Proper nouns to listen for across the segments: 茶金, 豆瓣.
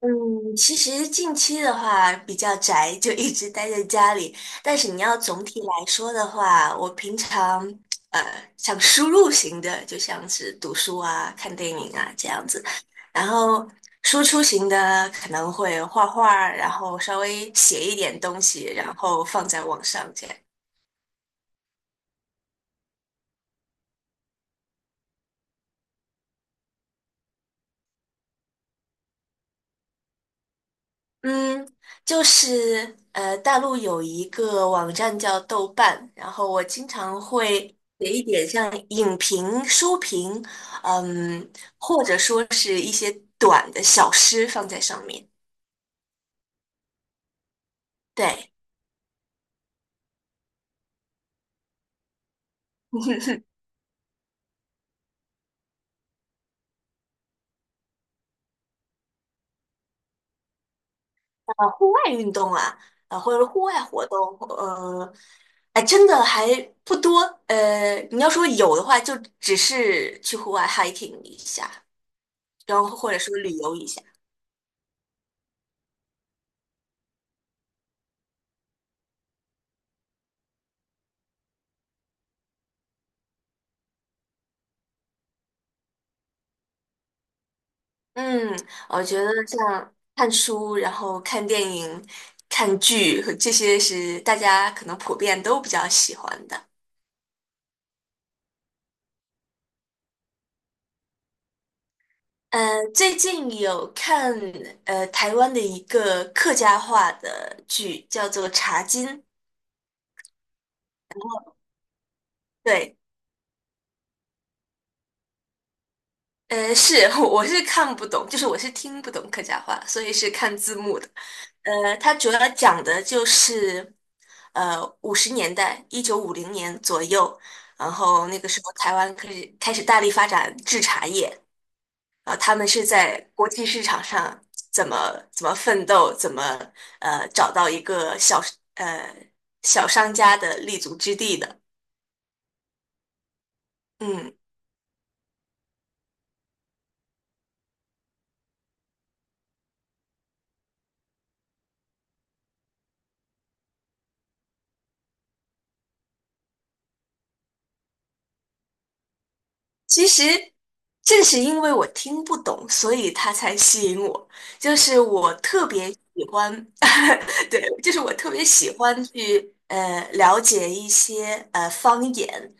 嗯，其实近期的话比较宅，就一直待在家里。但是你要总体来说的话，我平常呃像输入型的，就像是读书啊、看电影啊这样子。然后输出型的可能会画画儿，然后稍微写一点东西，然后放在网上这样。嗯，就是大陆有一个网站叫豆瓣，然后我经常会写一点像影评、书评，嗯，或者说是一些短的小诗放在上面。对，户外运动啊，或者是户外活动，呃，哎，真的还不多。你要说有的话，就只是去户外 hiking 一下，然后或者说旅游一下。嗯，我觉得像看书，然后看电影、看剧，这些是大家可能普遍都比较喜欢的。呃，最近有看台湾的一个客家话的剧，叫做《茶金》。对，是，我是看不懂，就是我是听不懂客家话，所以是看字幕的。它主要讲的就是，50年代，1950年左右，然后那个时候台湾开始大力发展制茶业，啊，他们是在国际市场上怎么怎么奋斗，怎么找到一个呃小商家的立足之地的。嗯，其实正是因为我听不懂，所以它才吸引我。就是我特别喜欢，对，就是我特别喜欢去了解一些方言，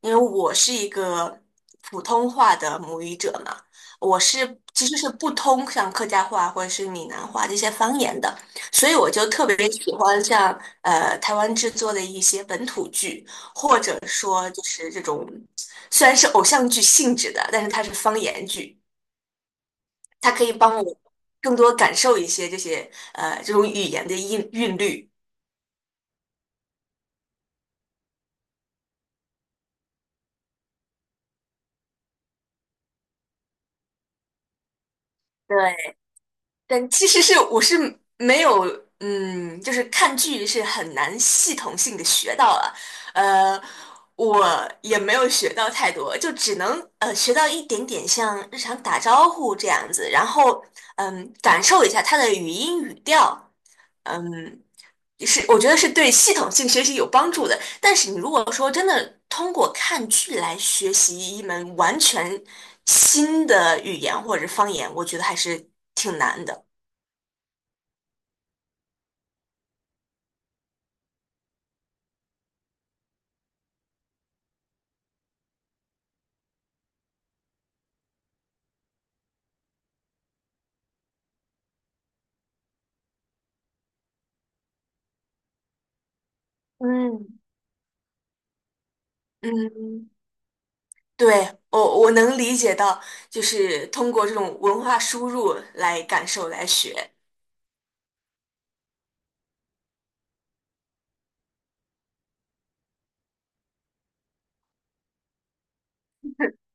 因为我是一个普通话的母语者嘛，我是其实是不通像客家话或者是闽南话这些方言的，所以我就特别喜欢像台湾制作的一些本土剧，或者说就是这种虽然是偶像剧性质的，但是它是方言剧，它可以帮我更多感受一些这些这种语言的韵律。对，但其实是我是没有，嗯，就是看剧是很难系统性的学到了，呃，我也没有学到太多，就只能学到一点点像日常打招呼这样子，然后嗯，感受一下它的语音语调，嗯，是我觉得是对系统性学习有帮助的。但是你如果说真的通过看剧来学习一门完全新的语言或者是方言，我觉得还是挺难的。嗯嗯，对，我能理解到，就是通过这种文化输入来感受来学。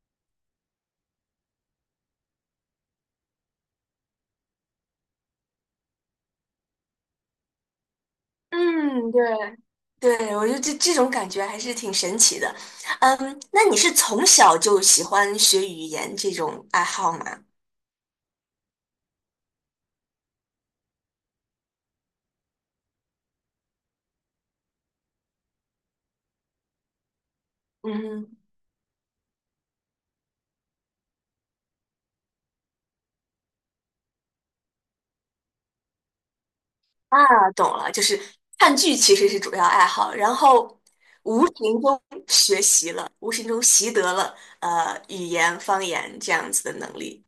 嗯，对对，我觉得这种感觉还是挺神奇的。嗯，那你是从小就喜欢学语言这种爱好吗？嗯，啊，懂了，就是看剧其实是主要爱好，然后无形中学习了，无形中习得了语言方言这样子的能力。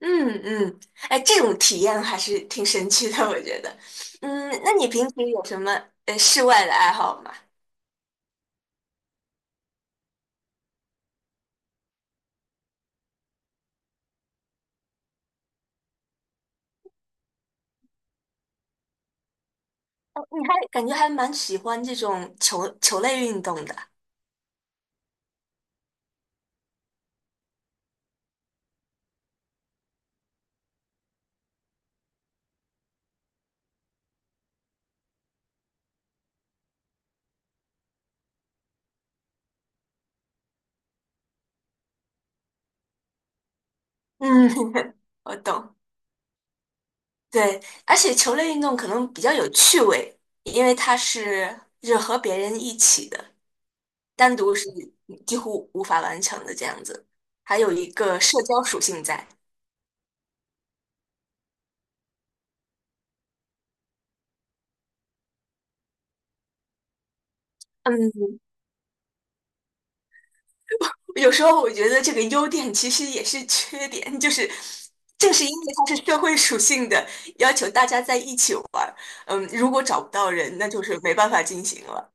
嗯嗯，哎，这种体验还是挺神奇的，我觉得。嗯，那你平时有什么室外的爱好吗？哦，你还感觉还蛮喜欢这种球类运动的。嗯，我懂。对，而且球类运动可能比较有趣味，因为它是就是和别人一起的，单独是几乎无法完成的这样子，还有一个社交属性在。嗯，有时候我觉得这个优点其实也是缺点，就是正是因为它是社会属性的，要求大家在一起玩儿，嗯，如果找不到人，那就是没办法进行了。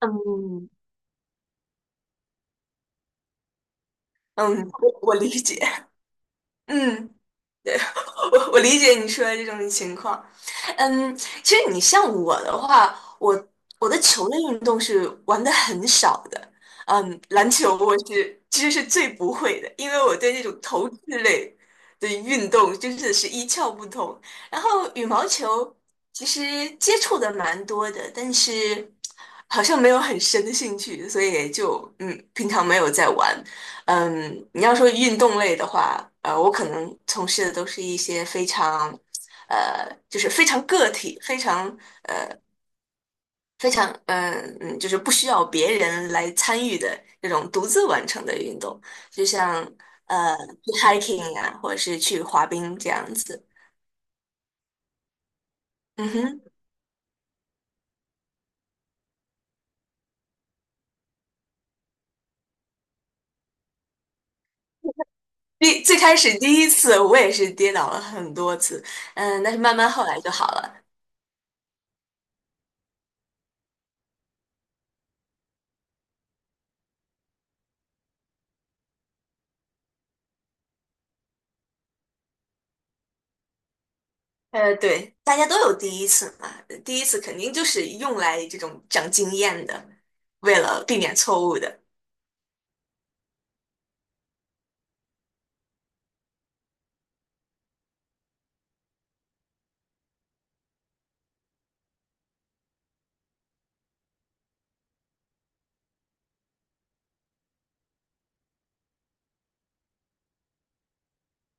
嗯，嗯，我我理解。嗯。对，我我理解你说的这种情况，嗯，其实你像我的话，我我的球类运动是玩的很少的，嗯，篮球我是其实是最不会的，因为我对那种投掷类的运动真的是一窍不通。然后羽毛球其实接触的蛮多的，但是好像没有很深的兴趣，所以也就嗯，平常没有在玩。嗯，你要说运动类的话，我可能从事的都是一些非常，就是非常个体、非常,就是不需要别人来参与的这种独自完成的运动，就像呃去 hiking 呀、或者是去滑冰这样子。嗯哼，最开始第一次我也是跌倒了很多次，嗯，但是慢慢后来就好了。对，大家都有第一次嘛，第一次肯定就是用来这种长经验的，为了避免错误的。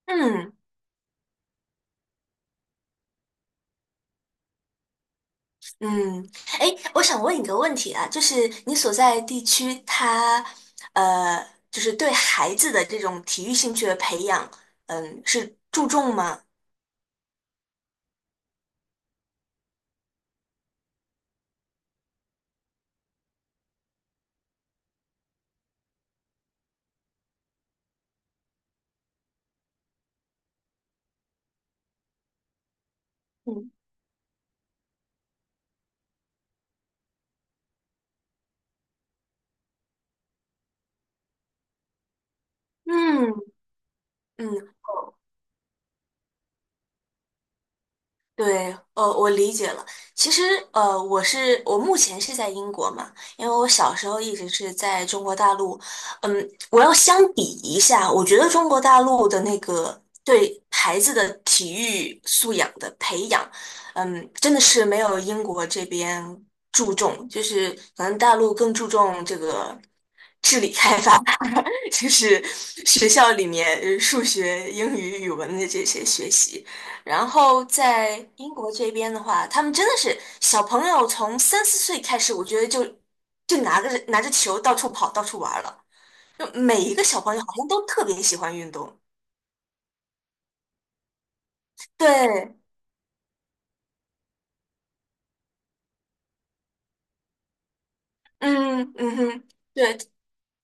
嗯嗯，哎，我想问你个问题啊，就是你所在地区它，呃，就是对孩子的这种体育兴趣的培养，嗯，是注重吗？嗯嗯嗯，对，我理解了。其实，我是我目前是在英国嘛，因为我小时候一直是在中国大陆。嗯，我要相比一下，我觉得中国大陆的那个对孩子的体育素养的培养，嗯，真的是没有英国这边注重，就是可能大陆更注重这个。就是学校里面数学、英语、语文的这些学习。然后在英国这边的话，他们真的是小朋友从3、4岁开始，我觉得就就拿着球到处跑、到处玩了。就每一个小朋友好像都特别喜欢运动。对，嗯嗯哼，对，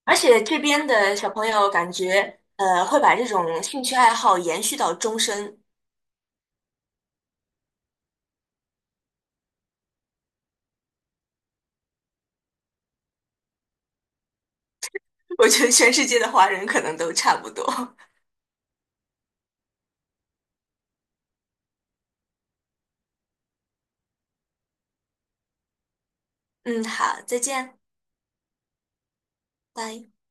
而且这边的小朋友感觉会把这种兴趣爱好延续到终身。我觉得全世界的华人可能都差不多。嗯，好，再见。拜。